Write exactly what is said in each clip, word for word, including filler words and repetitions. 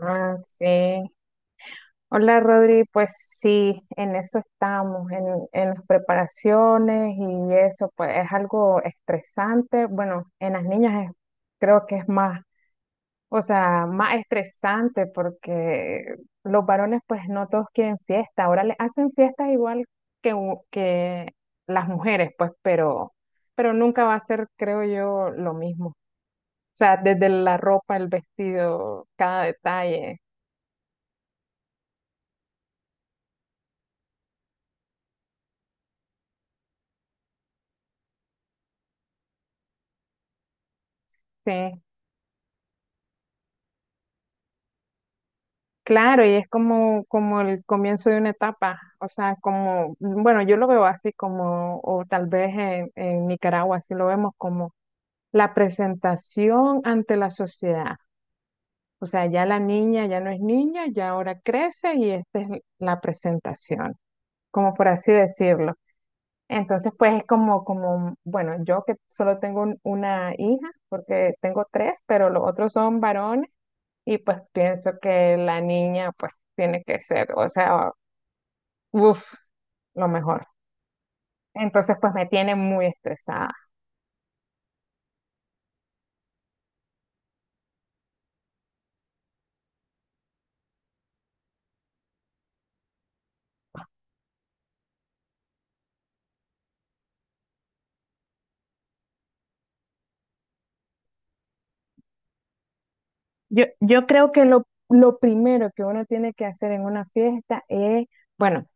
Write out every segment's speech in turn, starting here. Ah, sí. Hola, Rodri. Pues sí, en eso estamos, en, en las preparaciones y eso, pues es algo estresante. Bueno, en las niñas es- creo que es más, o sea, más estresante porque los varones pues no todos quieren fiesta. Ahora les hacen fiestas igual que, u- que las mujeres, pues, pero, pero nunca va a ser, creo yo, lo mismo. O sea, desde la ropa, el vestido, cada detalle. Sí. Claro, y es como, como el comienzo de una etapa, o sea, como, bueno, yo lo veo así como, o tal vez en, en Nicaragua, así lo vemos como la presentación ante la sociedad. O sea, ya la niña ya no es niña, ya ahora crece y esta es la presentación, como por así decirlo. Entonces, pues es como, como, bueno, yo que solo tengo un- una hija, porque tengo tres, pero los otros son varones. Y pues pienso que la niña pues tiene que ser, o sea, uff, lo mejor. Entonces pues me tiene muy estresada. Yo, yo creo que lo, lo primero que uno tiene que hacer en una fiesta es, bueno,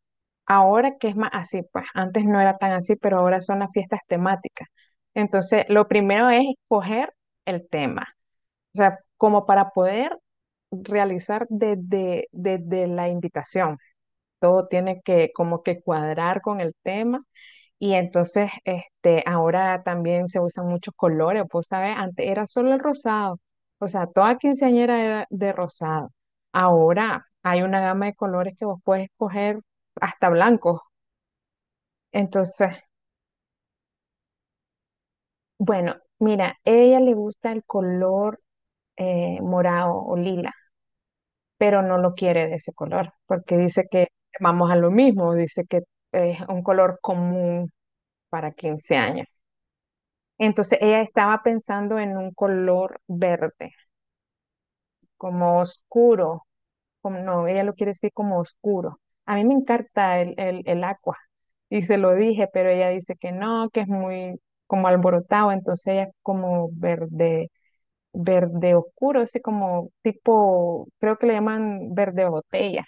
ahora que es más así, pues antes no era tan así, pero ahora son las fiestas temáticas. Entonces lo primero es escoger el tema, o sea, como para poder realizar desde, desde la invitación. Todo tiene que como que cuadrar con el tema. Y entonces, este, ahora también se usan muchos colores, pues, ¿sabes? Antes era solo el rosado, o sea, toda quinceañera era de rosado. Ahora hay una gama de colores que vos puedes escoger hasta blancos. Entonces, bueno, mira, ella le gusta el color eh, morado o lila, pero no lo quiere de ese color, porque dice que vamos a lo mismo, dice que es un color común para quince años. Entonces ella estaba pensando en un color verde, como oscuro, como no, ella lo quiere decir como oscuro. A mí me encanta el, el, el agua y se lo dije, pero ella dice que no, que es muy como alborotado, entonces ella es como verde, verde oscuro, así como tipo, creo que le llaman verde botella.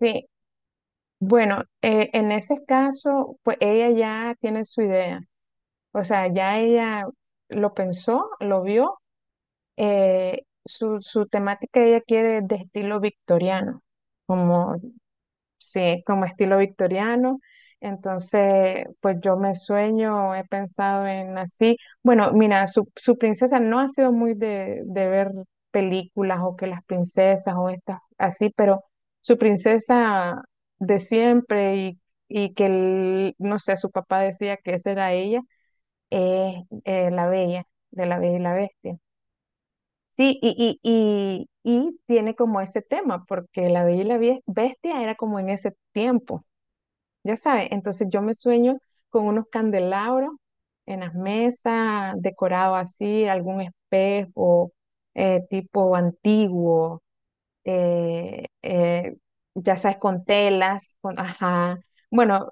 Sí, bueno, eh, en ese caso, pues ella ya tiene su idea, o sea, ya ella lo pensó, lo vio. Eh, su, su temática ella quiere de estilo victoriano, como, sí, como estilo victoriano. Entonces, pues yo me sueño, he pensado en así. Bueno, mira, su, su princesa no ha sido muy de, de ver películas o que las princesas o estas así, pero su princesa de siempre. Y, y que, el- no sé, su papá decía que esa era ella, es eh, la bella, de la bella y la bestia. Sí, y, y, y, y tiene como ese tema, porque La Bella y la Bie- Bestia era como en ese tiempo, ya sabes, entonces yo me sueño con unos candelabros en las mesas, decorado así, algún espejo eh, tipo antiguo, eh, eh, ya sabes, con telas, con, ajá, bueno,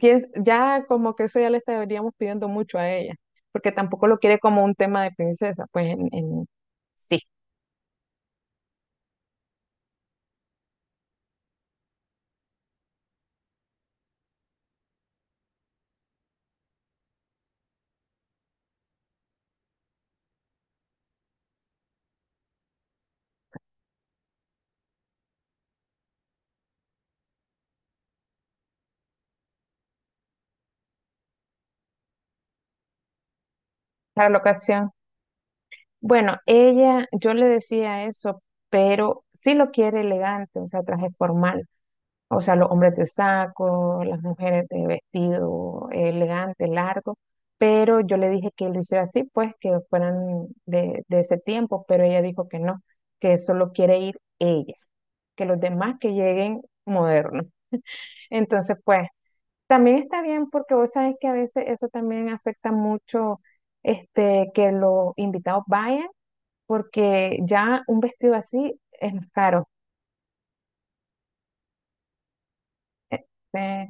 que es- ya como que eso ya le estaríamos pidiendo mucho a ella, porque tampoco lo quiere como un tema de princesa, pues en, en- Para la ocasión. Bueno, ella, yo le decía eso, pero sí lo quiere elegante, o sea, traje formal. O sea, los hombres de saco, las mujeres de vestido elegante, largo. Pero yo le dije que lo hiciera así, pues que fueran de, de ese tiempo, pero ella dijo que no, que solo quiere ir ella, que los demás que lleguen modernos. Entonces, pues, también está bien porque vos sabés que a veces eso también afecta mucho este, que los invitados vayan porque ya un vestido así es más caro. Eh, eh,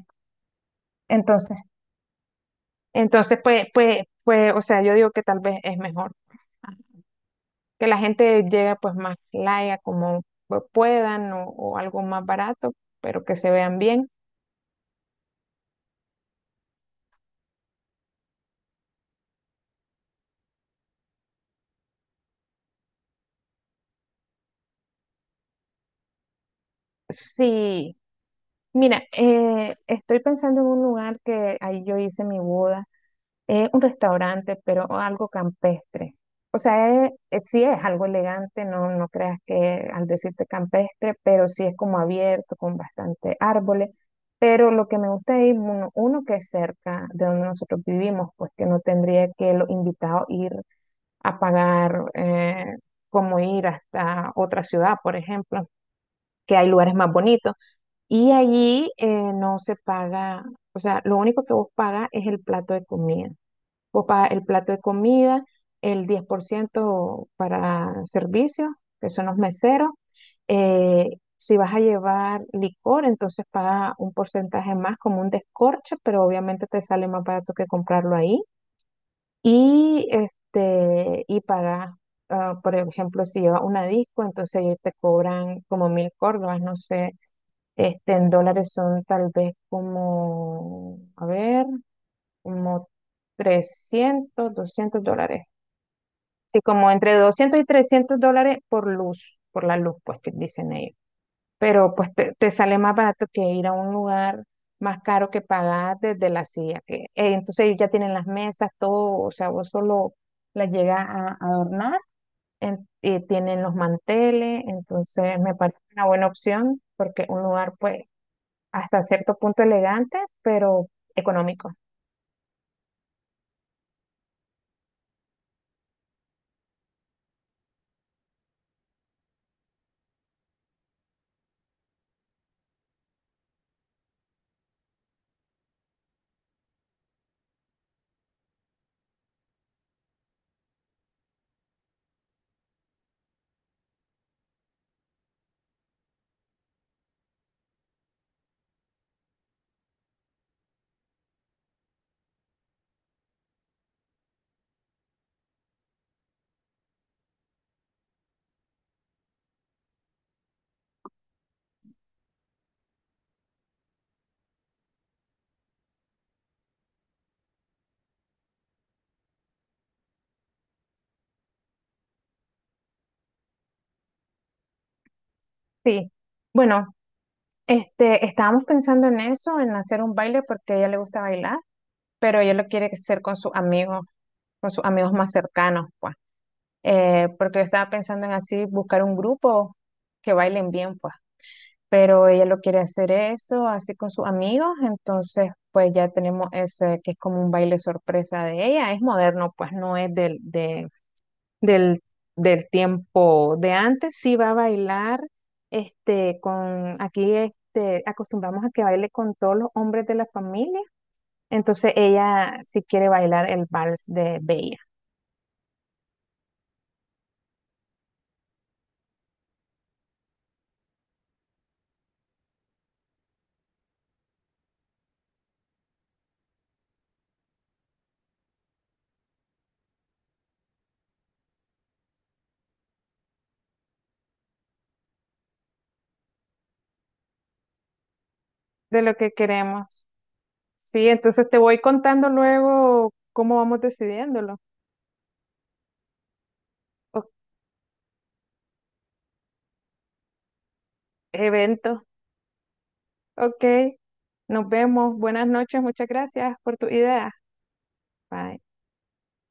Entonces, Entonces, pues, pues, pues, o sea, yo digo que tal vez es mejor ah, que la gente llegue pues más laya como pues, puedan o, o algo más barato, pero que se vean bien. Sí, mira, eh, estoy pensando en un lugar que ahí yo hice mi boda. Es un restaurante, pero algo campestre. O sea, es- es- sí es algo elegante, no, no creas que al decirte campestre, pero sí es como abierto, con bastante árboles. Pero lo que me gusta es ir uno, uno que es cerca de donde nosotros vivimos, pues que no tendría que los invitados ir a pagar eh, como ir hasta otra ciudad, por ejemplo, que hay lugares más bonitos. Y allí eh, no se paga, o sea, lo único que vos pagas es el plato de comida o para el plato de comida, el diez por ciento para servicios, que son los meseros. Eh, si vas a llevar licor, entonces paga un porcentaje más como un descorche, pero obviamente te sale más barato que comprarlo ahí. Y, este, y pagas, ah, por ejemplo, si llevas una disco, entonces ellos te cobran como mil córdobas, no sé, este, en dólares son tal vez como, a ver, como trescientos doscientos dólares. Sí, como entre doscientos y trescientos dólares por luz, por la luz, pues que dicen ellos. Pero pues te, te sale más barato que ir a un lugar más caro que pagar desde la silla. Que- eh, entonces ellos ya tienen las mesas, todo, o sea, vos solo las llegas a adornar, en- y tienen los manteles, entonces me parece una buena opción porque un lugar pues hasta cierto punto elegante, pero económico. Sí. Bueno. Este, estábamos pensando en eso, en hacer un baile porque a ella le gusta bailar, pero ella lo quiere hacer con sus amigos, con sus amigos más cercanos, pues. Eh, porque yo estaba pensando en así buscar un grupo que bailen bien, pues. Pero ella lo quiere hacer eso, así con sus amigos, entonces pues ya tenemos ese que es como un baile sorpresa de ella, es moderno, pues no es del- de, del, del tiempo de antes, sí va a bailar, este, con, aquí, este, acostumbramos a que baile con todos los hombres de la familia, entonces ella sí quiere bailar el vals de Bella, de lo que queremos. Sí, entonces te voy contando luego cómo vamos decidiéndolo. O- evento, ok, nos vemos, buenas noches, muchas gracias por tu idea. Bye.